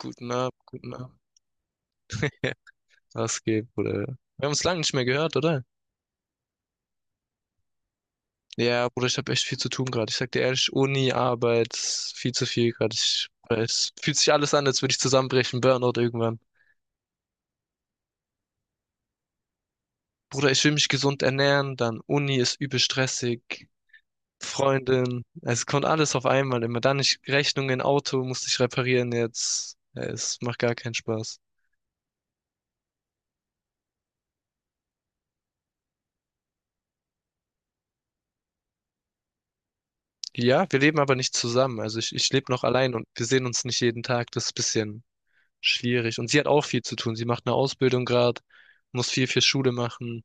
Guten Abend, guten Abend. Was geht, Bruder? Wir haben uns lange nicht mehr gehört, oder? Ja, Bruder, ich habe echt viel zu tun gerade. Ich sag dir ehrlich, Uni, Arbeit, viel zu viel gerade. Es fühlt sich alles an, als würde ich zusammenbrechen, Burnout irgendwann. Bruder, ich will mich gesund ernähren, dann Uni ist übel stressig, Freundin, es kommt alles auf einmal immer. Dann ich Rechnungen, Auto musste ich reparieren jetzt. Ja, es macht gar keinen Spaß. Ja, wir leben aber nicht zusammen. Also ich lebe noch allein und wir sehen uns nicht jeden Tag. Das ist ein bisschen schwierig. Und sie hat auch viel zu tun. Sie macht eine Ausbildung gerade, muss viel für Schule machen.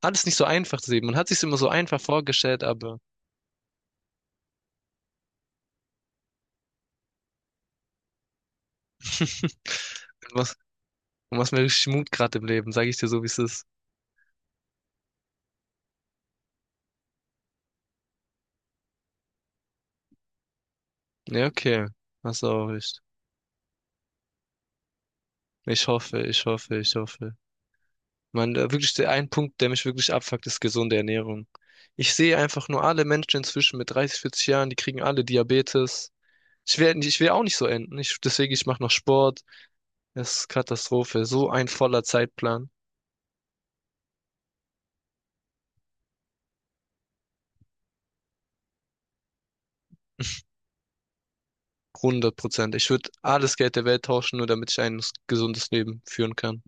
Alles nicht so einfach zu sehen. Man hat sich immer so einfach vorgestellt, aber du machst, du machst mir richtig Mut gerade im Leben, sage ich dir so, wie es ist. Ja, okay. Hast du auch recht. Ich hoffe, ich hoffe, ich hoffe. Man, wirklich der ein Punkt, der mich wirklich abfuckt, ist gesunde Ernährung. Ich sehe einfach nur alle Menschen inzwischen mit 30, 40 Jahren, die kriegen alle Diabetes. Ich will auch nicht so enden. Deswegen, ich mache noch Sport. Das ist Katastrophe. So ein voller Zeitplan. 100%. Ich würde alles Geld der Welt tauschen, nur damit ich ein gesundes Leben führen kann.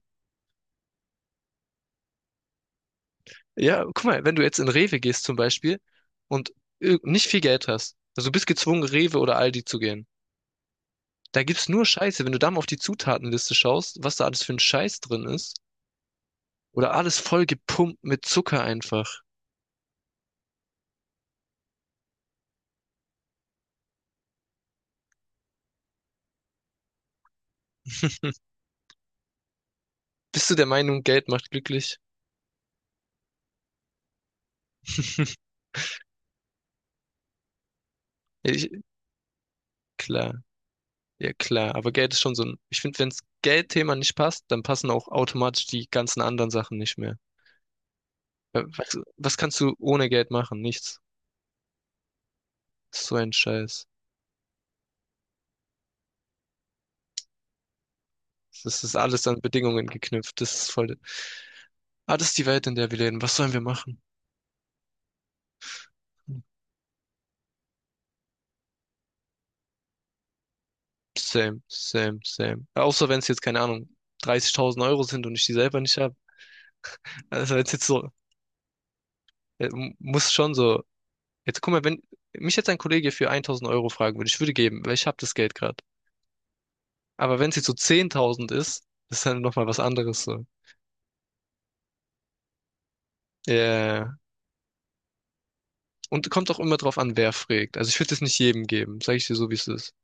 Ja, guck mal, wenn du jetzt in Rewe gehst zum Beispiel und nicht viel Geld hast, also du bist gezwungen, Rewe oder Aldi zu gehen. Da gibt's nur Scheiße. Wenn du da mal auf die Zutatenliste schaust, was da alles für ein Scheiß drin ist, oder alles voll gepumpt mit Zucker einfach. Bist du der Meinung, Geld macht glücklich? Ich, klar, ja klar, aber Geld ist schon so ein, ich finde, wenns Geldthema nicht passt, dann passen auch automatisch die ganzen anderen Sachen nicht mehr. Was kannst du ohne Geld machen? Nichts. Das ist so ein Scheiß. Das ist alles an Bedingungen geknüpft. Das ist voll. Ah, das ist die Welt, in der wir leben. Was sollen wir machen? Same, same, same. Außer wenn es jetzt, keine Ahnung, 30.000 € sind und ich die selber nicht habe. Also jetzt, jetzt so, muss schon so. Jetzt guck mal, wenn mich jetzt ein Kollege für 1.000 € fragen würde, ich würde geben, weil ich habe das Geld gerade. Aber wenn es jetzt so 10.000 ist, das ist dann nochmal was anderes so. Ja, ja, ja. Und kommt auch immer drauf an, wer fragt. Also ich würde es nicht jedem geben, sage ich dir so, wie es ist.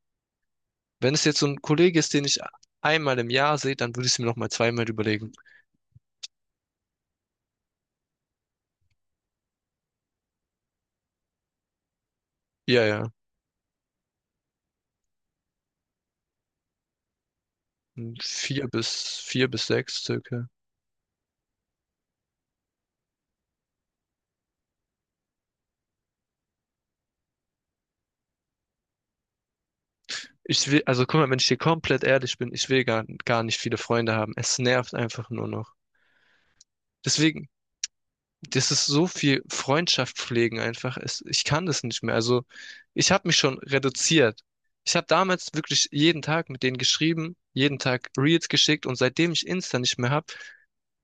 Wenn es jetzt so ein Kollege ist, den ich einmal im Jahr sehe, dann würde ich es mir nochmal zweimal überlegen. Ja, ja. Vier bis sechs circa. Also guck mal, wenn ich dir komplett ehrlich bin, ich will gar, gar nicht viele Freunde haben. Es nervt einfach nur noch. Deswegen, das ist so viel Freundschaft pflegen einfach. Ich kann das nicht mehr. Also, ich habe mich schon reduziert. Ich habe damals wirklich jeden Tag mit denen geschrieben, jeden Tag Reels geschickt und seitdem ich Insta nicht mehr habe,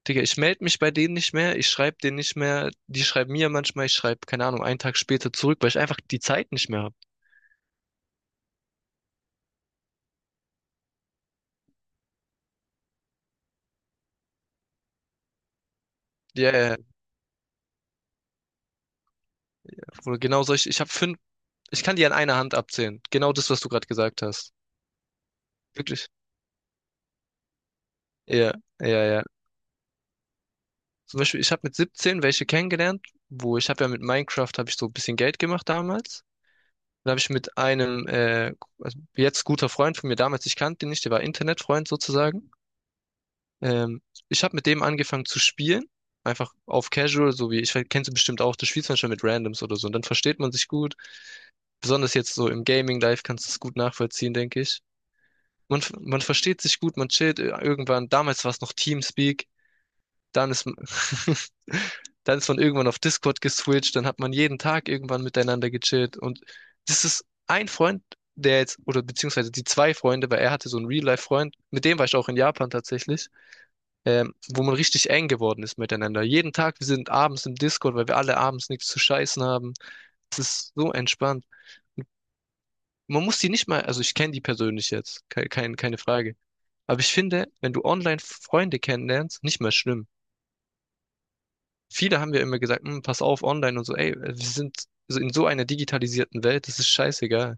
Digga, ich melde mich bei denen nicht mehr, ich schreibe denen nicht mehr, die schreiben mir manchmal, ich schreibe, keine Ahnung, einen Tag später zurück, weil ich einfach die Zeit nicht mehr habe. Ja, yeah, Bruder, genau ich habe fünf, ich kann die an einer Hand abzählen. Genau das, was du gerade gesagt hast. Wirklich. Ja, ja, ja. Zum Beispiel, ich habe mit 17 welche kennengelernt, wo ich habe ja mit Minecraft, habe ich so ein bisschen Geld gemacht damals. Dann habe ich mit einem, also jetzt guter Freund von mir damals, ich kannte ihn nicht, der war Internetfreund sozusagen. Ähm, Ich habe mit dem angefangen zu spielen. Einfach auf Casual, so wie ich kennst du bestimmt auch, du spielst manchmal mit Randoms oder so und dann versteht man sich gut. Besonders jetzt so im Gaming-Life kannst du es gut nachvollziehen, denke ich. Man, man versteht sich gut, man chillt irgendwann. Damals war es noch TeamSpeak. Dann ist, man- dann ist man irgendwann auf Discord geswitcht. Dann hat man jeden Tag irgendwann miteinander gechillt. Und das ist ein Freund, der jetzt, oder beziehungsweise die zwei Freunde, weil er hatte so einen Real-Life-Freund. Mit dem war ich auch in Japan tatsächlich. Wo man richtig eng geworden ist miteinander. Jeden Tag, wir sind abends im Discord, weil wir alle abends nichts zu scheißen haben. Es ist so entspannt. Man muss die nicht mal, also ich kenne die persönlich jetzt, keine Frage. Aber ich finde, wenn du online Freunde kennenlernst, nicht mehr schlimm. Viele haben ja immer gesagt, "Hm, pass auf, online und so, ey, wir sind so in so einer digitalisierten Welt, das ist scheißegal."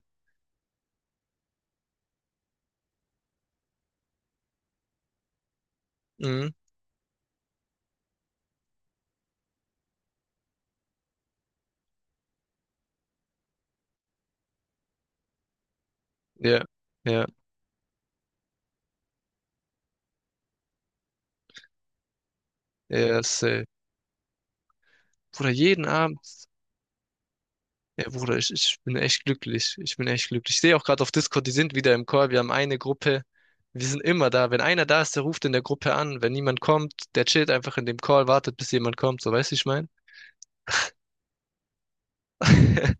Mhm. Ja, ja, ja, safe. Bruder, jeden Abend. Ja, Bruder, ich bin echt glücklich. Ich bin echt glücklich. Ich sehe auch gerade auf Discord, die sind wieder im Call. Wir haben eine Gruppe. Wir sind immer da. Wenn einer da ist, der ruft in der Gruppe an. Wenn niemand kommt, der chillt einfach in dem Call, wartet, bis jemand kommt. So, weißt du, wie ich meine?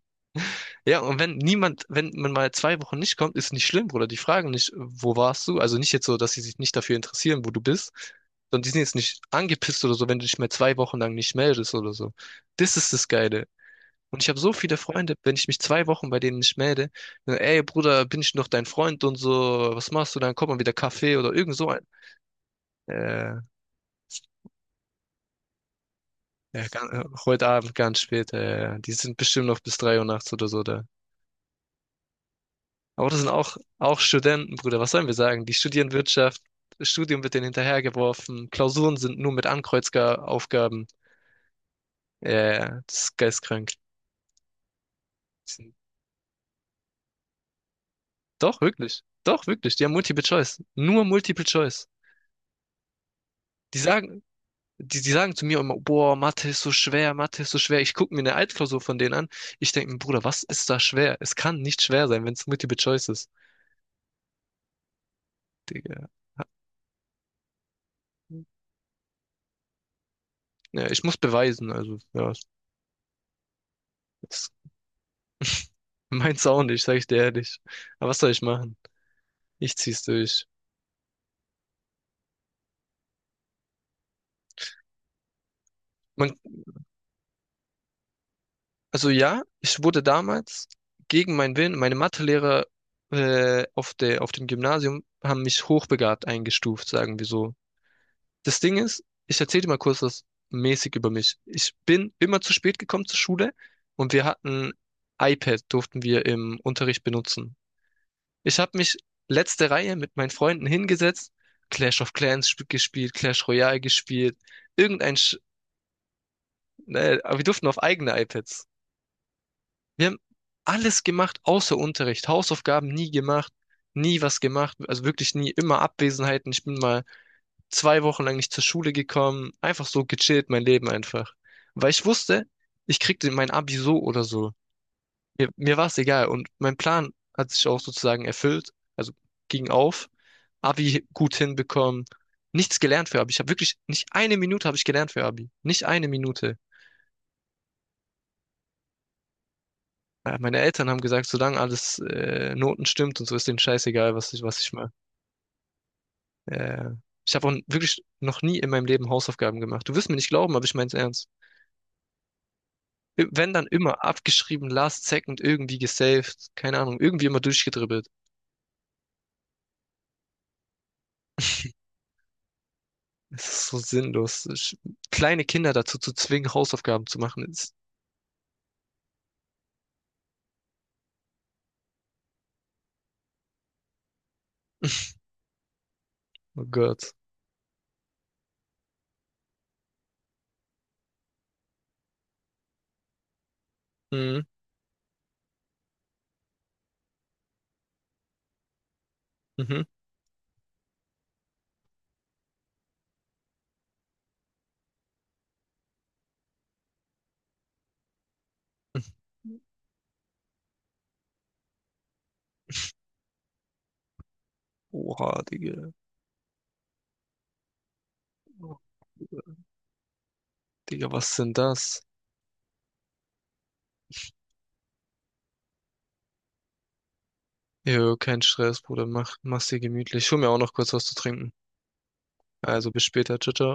Ja, und wenn niemand, wenn man mal 2 Wochen nicht kommt, ist nicht schlimm, Bruder. Die fragen nicht, wo warst du? Also nicht jetzt so, dass sie sich nicht dafür interessieren, wo du bist, sondern die sind jetzt nicht angepisst oder so, wenn du dich mal 2 Wochen lang nicht meldest oder so. Das ist das Geile. Und ich habe so viele Freunde, wenn ich mich 2 Wochen bei denen nicht melde, dann, ey Bruder, bin ich noch dein Freund und so, was machst du? Dann kommt man wieder Kaffee oder irgend so ein. Äh, ja, ganz, heute Abend ganz spät, die sind bestimmt noch bis 3 Uhr nachts oder so da. Aber das sind auch, auch Studenten, Bruder, was sollen wir sagen? Die studieren Wirtschaft, das Studium wird denen hinterhergeworfen, Klausuren sind nur mit Ankreuzaufgaben. Das ist geistkrank. Sind- Doch, wirklich. Doch, wirklich. Die haben Multiple Choice. Nur Multiple Choice. Die sagen, die sagen zu mir immer, boah, Mathe ist so schwer, Mathe ist so schwer. Ich gucke mir eine Altklausur von denen an. Ich denke mir, Bruder, was ist da schwer? Es kann nicht schwer sein, wenn es Multiple Choice ist. Digga. Ja, ich muss beweisen, also, ja, das meint's auch nicht, sag ich dir ehrlich. Aber was soll ich machen? Ich zieh's durch. Man, also ja, ich wurde damals gegen meinen Willen, meine Mathelehrer auf dem Gymnasium haben mich hochbegabt eingestuft, sagen wir so. Das Ding ist, ich erzähle dir mal kurz was mäßig über mich. Ich bin immer zu spät gekommen zur Schule und wir hatten iPad, durften wir im Unterricht benutzen. Ich habe mich letzte Reihe mit meinen Freunden hingesetzt, Clash of Clans gespielt, Clash Royale gespielt, irgendein, Sch ne, aber wir durften auf eigene iPads. Wir haben alles gemacht außer Unterricht, Hausaufgaben nie gemacht, nie was gemacht, also wirklich nie, immer Abwesenheiten. Ich bin mal 2 Wochen lang nicht zur Schule gekommen, einfach so gechillt, mein Leben einfach. Weil ich wusste, ich kriegte mein Abi so oder so. Mir war es egal und mein Plan hat sich auch sozusagen erfüllt, also ging auf, Abi gut hinbekommen, nichts gelernt für Abi. Ich habe wirklich, nicht eine Minute habe ich gelernt für Abi, nicht eine Minute. Meine Eltern haben gesagt, solange alles Noten stimmt und so ist denen scheißegal, was ich mache. Äh, Ich habe auch wirklich noch nie in meinem Leben Hausaufgaben gemacht. Du wirst mir nicht glauben, aber ich meine es ernst. Wenn dann immer abgeschrieben, last second irgendwie gesaved, keine Ahnung, irgendwie immer durchgedribbelt. Es ist so sinnlos. Kleine Kinder dazu zu zwingen, Hausaufgaben zu machen, ist, oh Gott. Mhm, mhm. Oha, Digga. Digga, was sind das? Jo, kein Stress, Bruder. Mach, mach's dir gemütlich. Ich hol mir auch noch kurz was zu trinken. Also bis später. Ciao, ciao.